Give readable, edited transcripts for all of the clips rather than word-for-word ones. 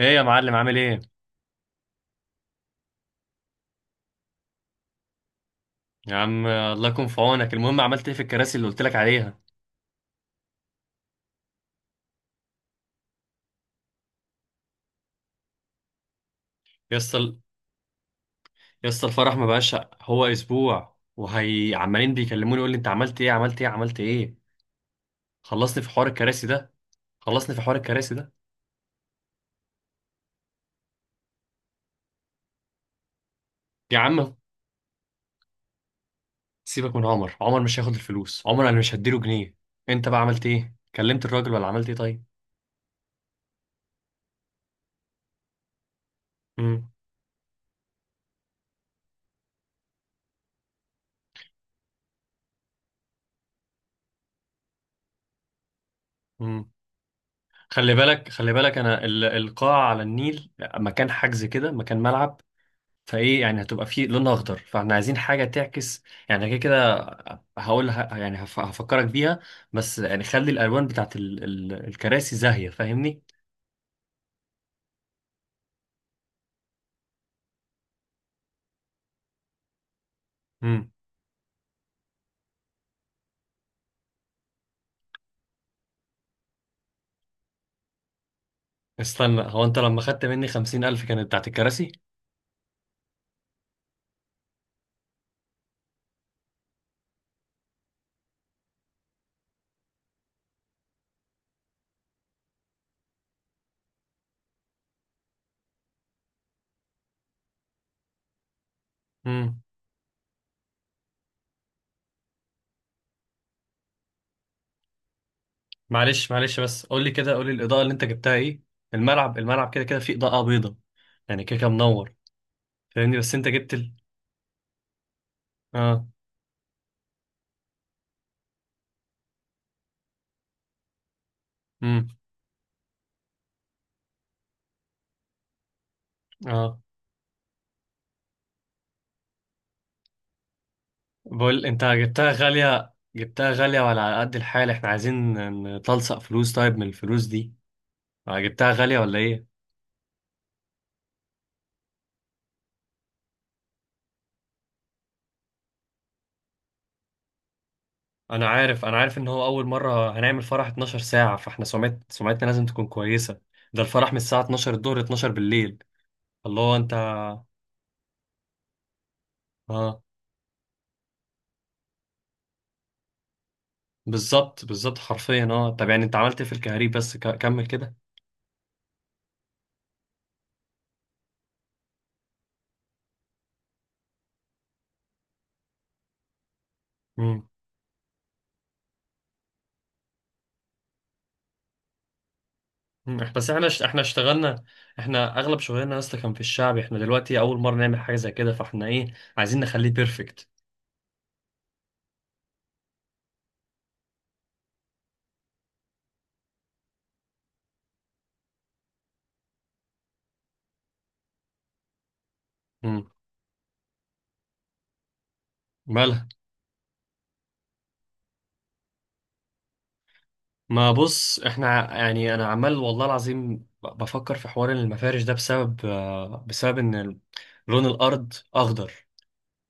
ايه يا معلم عامل ايه؟ يا عم الله يكون في عونك. المهم عملت ايه في الكراسي اللي قلت لك عليها؟ يا اسطى، يا اسطى الفرح ما بقاش هو اسبوع، وهي عمالين بيكلموني يقول لي انت عملت ايه، عملت ايه، عملت ايه. خلصني في حوار الكراسي ده. يا عم سيبك من عمر، عمر مش هياخد الفلوس، عمر انا مش هديله جنيه. انت بقى عملت ايه؟ كلمت الراجل ولا عملت ايه طيب؟ امم امم. خلي بالك، انا القاعه على النيل، مكان حجز كده، مكان ملعب، فايه يعني هتبقى في لونها اخضر، فاحنا عايزين حاجه تعكس يعني كده كده. هقول هفكرك بيها، بس يعني خلي الالوان بتاعت ال الكراسي زاهيه، فاهمني؟ امم. استنى، هو انت لما خدت مني 50,000 كانت بتاعت الكراسي؟ امم. معلش، بس قول لي كده، قول لي الاضاءه اللي انت جبتها ايه. الملعب، الملعب كده كده فيه اضاءه بيضاء، يعني كده كده منور فاهمني، بس انت جبت ال، اه. امم. اه. بقول انت جبتها غاليه، جبتها غالية وعلى قد الحال احنا عايزين نتلصق فلوس طيب من الفلوس دي، جبتها غالية ولا ايه؟ انا عارف، ان هو اول مرة هنعمل فرح 12 ساعة، فاحنا سمعتنا لازم تكون كويسة. ده الفرح من الساعة 12 الظهر 12 بالليل. الله انت. اه بالظبط، حرفيا. اه طب يعني انت عملت إيه في الكهريب؟ بس كمل كده. امم. بس احنا احنا اشتغلنا، احنا اغلب شغلنا اصلا كان في الشعب، احنا دلوقتي اول مرة نعمل حاجة زي كده، فاحنا ايه عايزين نخليه بيرفكت. امم. مالها؟ ما بص احنا يعني انا عمال والله العظيم بفكر في حوار المفارش ده بسبب، بسبب ان لون الارض اخضر.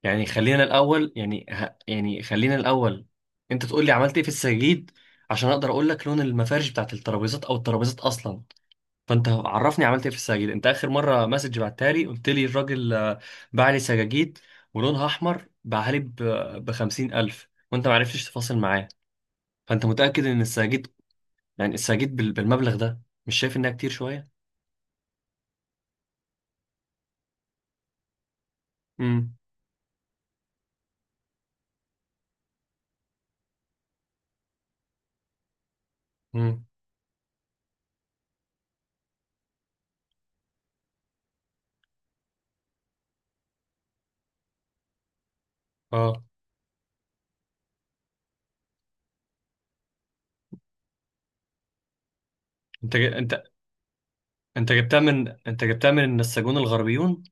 يعني خلينا الاول، خلينا الاول انت تقول لي عملت ايه في السجاجيد عشان اقدر اقول لك لون المفارش بتاعت الترابيزات او الترابيزات اصلا. فانت عرفني عملت ايه في السجاجيد، انت اخر مره مسج بعتها لي قلت لي الراجل باع لي سجاجيد ولونها احمر، باعها لي ب 50,000، وانت ما عرفتش تفاصل معاه. فانت متاكد ان السجاجيد يعني لسه جيت بالمبلغ ده؟ مش شايف انها كتير شويه؟ امم. امم. اه. انت انت جبتها من النساجون الغربيون؟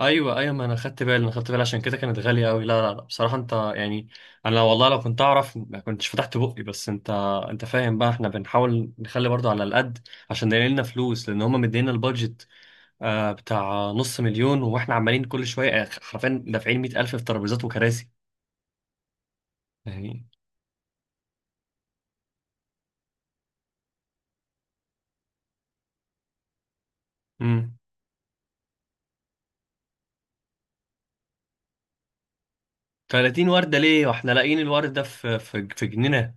ايوه، ايوه، ما انا خدت بالي، عشان كده كانت غاليه قوي. لا لا لا بصراحه انت يعني، انا والله لو كنت اعرف ما كنتش فتحت بقي. بس انت، فاهم بقى احنا بنحاول نخلي برضو على القد عشان يلاقي لنا فلوس، لان هم مدينا البادجت آه بتاع 500,000، واحنا عمالين كل شويه آه، حرفيا دافعين 100,000 في ترابيزات وكراسي. يعني. امم. 30 وردة ليه واحنا لاقيين الورد ده في جنينة؟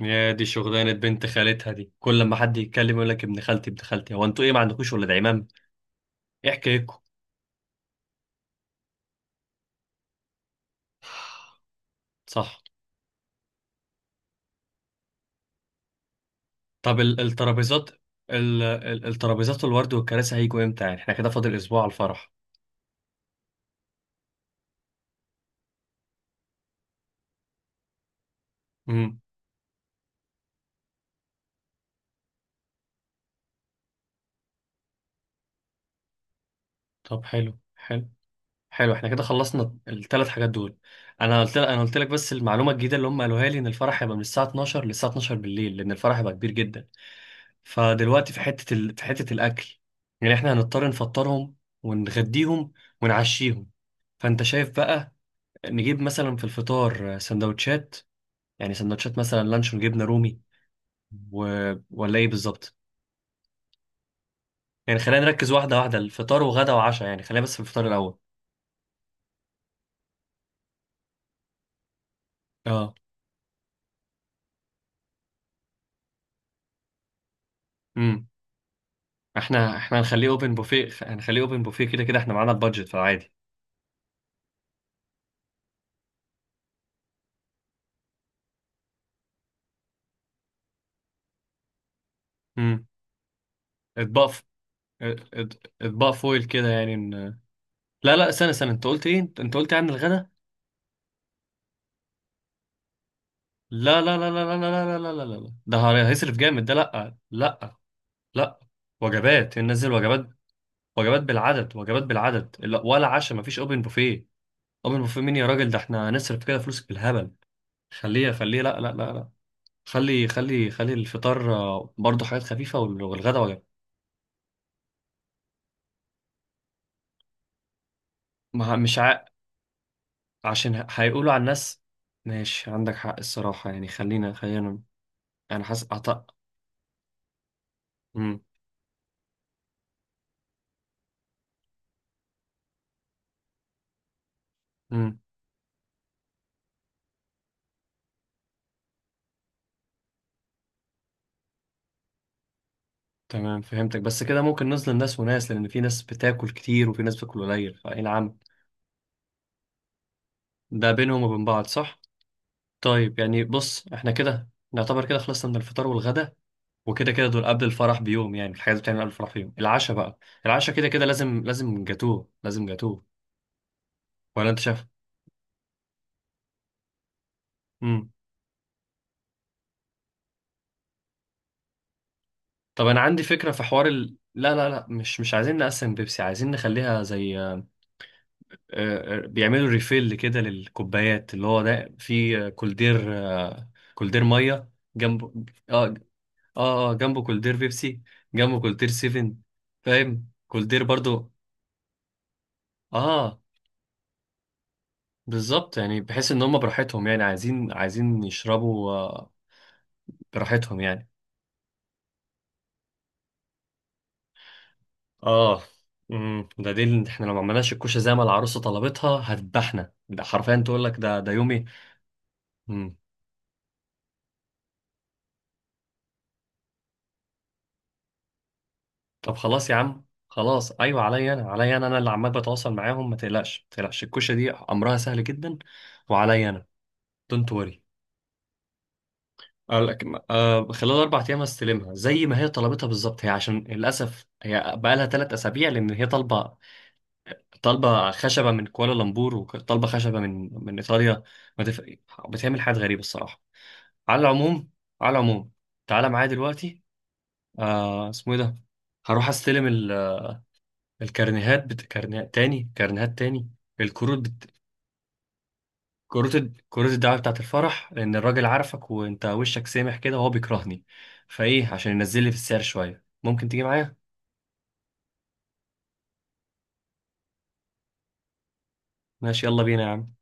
يا دي شغلانة بنت خالتها دي، كل ما حد يتكلم يقول لك ابن خالتي، ابن خالتي، هو انتوا ايه ما عندكوش ولاد عمام؟ ايه حكايتكم؟ صح. طب الترابيزات، الترابيزات والورد والكراسي هيجوا امتى يعني؟ احنا كده فاضل اسبوع على الفرح. امم. طب حلو، حلو، احنا كده خلصنا الثلاث حاجات دول. انا قلت لك، بس المعلومة الجديدة اللي هم قالوها لي ان الفرح هيبقى من الساعة 12 للساعة 12 بالليل لان الفرح هيبقى كبير جدا. فدلوقتي في حتة الأكل، يعني إحنا هنضطر نفطرهم ونغديهم ونعشيهم. فأنت شايف بقى نجيب مثلا في الفطار سندوتشات، يعني سندوتشات مثلا لانشون، جبنة رومي، و... ولا إيه بالظبط؟ يعني خلينا نركز واحدة واحدة، الفطار وغدا وعشاء، يعني خلينا بس في الفطار الأول. اه. امم. احنا هنخليه اوبن بوفيه، كده كده احنا معانا البادجت في العادي. امم. اطباق اطباق فويل كده، يعني لا لا استنى، انت قلت ايه؟ انت قلت عن الغدا؟ لا لا لا لا لا لا لا لا لا لا لا. ده هيصرف جامد ده، لا لا لا. وجبات، ننزل وجبات، وجبات بالعدد، لا ولا عشاء، مفيش اوبن بوفيه. اوبن بوفيه مين يا راجل، ده احنا هنصرف كده فلوس بالهبل. خليه، لا لا لا لا. خلي، الفطار برضه حاجات خفيفة، والغدا وجبات. ما مش عشان هيقولوا على الناس. ماشي عندك حق الصراحة، يعني خلينا، انا حاسس. أعط... تمام فهمتك، بس كده ممكن نظلم ناس وناس، لأن في ناس بتاكل كتير وفي ناس بتاكل قليل، فإيه العم ده بينهم وبين بعض؟ صح؟ طيب يعني بص احنا كده نعتبر كده خلصنا من الفطار والغدا، وكده كده دول قبل الفرح بيوم، يعني الحاجات اللي بتعمل قبل الفرح بيوم. العشاء بقى، العشاء كده كده لازم، لازم جاتوه، ولا انت شايف؟ امم. طب انا عندي فكرة في لا لا لا، مش عايزين نقسم بيبسي، عايزين نخليها زي بيعملوا ريفيل كده للكوبايات، اللي هو ده في كولدير كولدير ميه جنبه. اه. اه، جنبه كولدير بيبسي، جنبه كولدير سيفن، فاهم؟ كولدير برضو. اه بالظبط، يعني بحيث ان هم براحتهم يعني عايزين، يشربوا براحتهم يعني. اه. امم. ده دليل ان احنا لو ما عملناش الكوشه زي ما العروسه طلبتها هتذبحنا، ده حرفيا تقول لك ده يومي. طب خلاص يا عم، خلاص ايوه عليا انا، انا اللي عمال بتواصل معاهم، ما تقلقش، الكوشه دي امرها سهل جدا وعليا انا. دونت وري. آه خلال 4 ايام هستلمها زي ما هي طلبتها بالظبط، هي عشان للاسف هي بقالها 3 اسابيع لان هي طالبه، خشبه من كوالالمبور، وطالبه خشبه من ايطاليا. ما تف... بتعمل حاجات غريبه الصراحه. على العموم، على العموم تعالى معايا دلوقتي. آه اسمه ايه ده، هروح استلم الكارنيهات كارنيهات تاني، الكروت كروت الدعوة بتاعت الفرح، لأن الراجل عارفك وأنت وشك سامح كده، وهو بيكرهني، فإيه عشان ينزل لي في السعر شوية ممكن تيجي معايا؟ ماشي يلا بينا يا عم.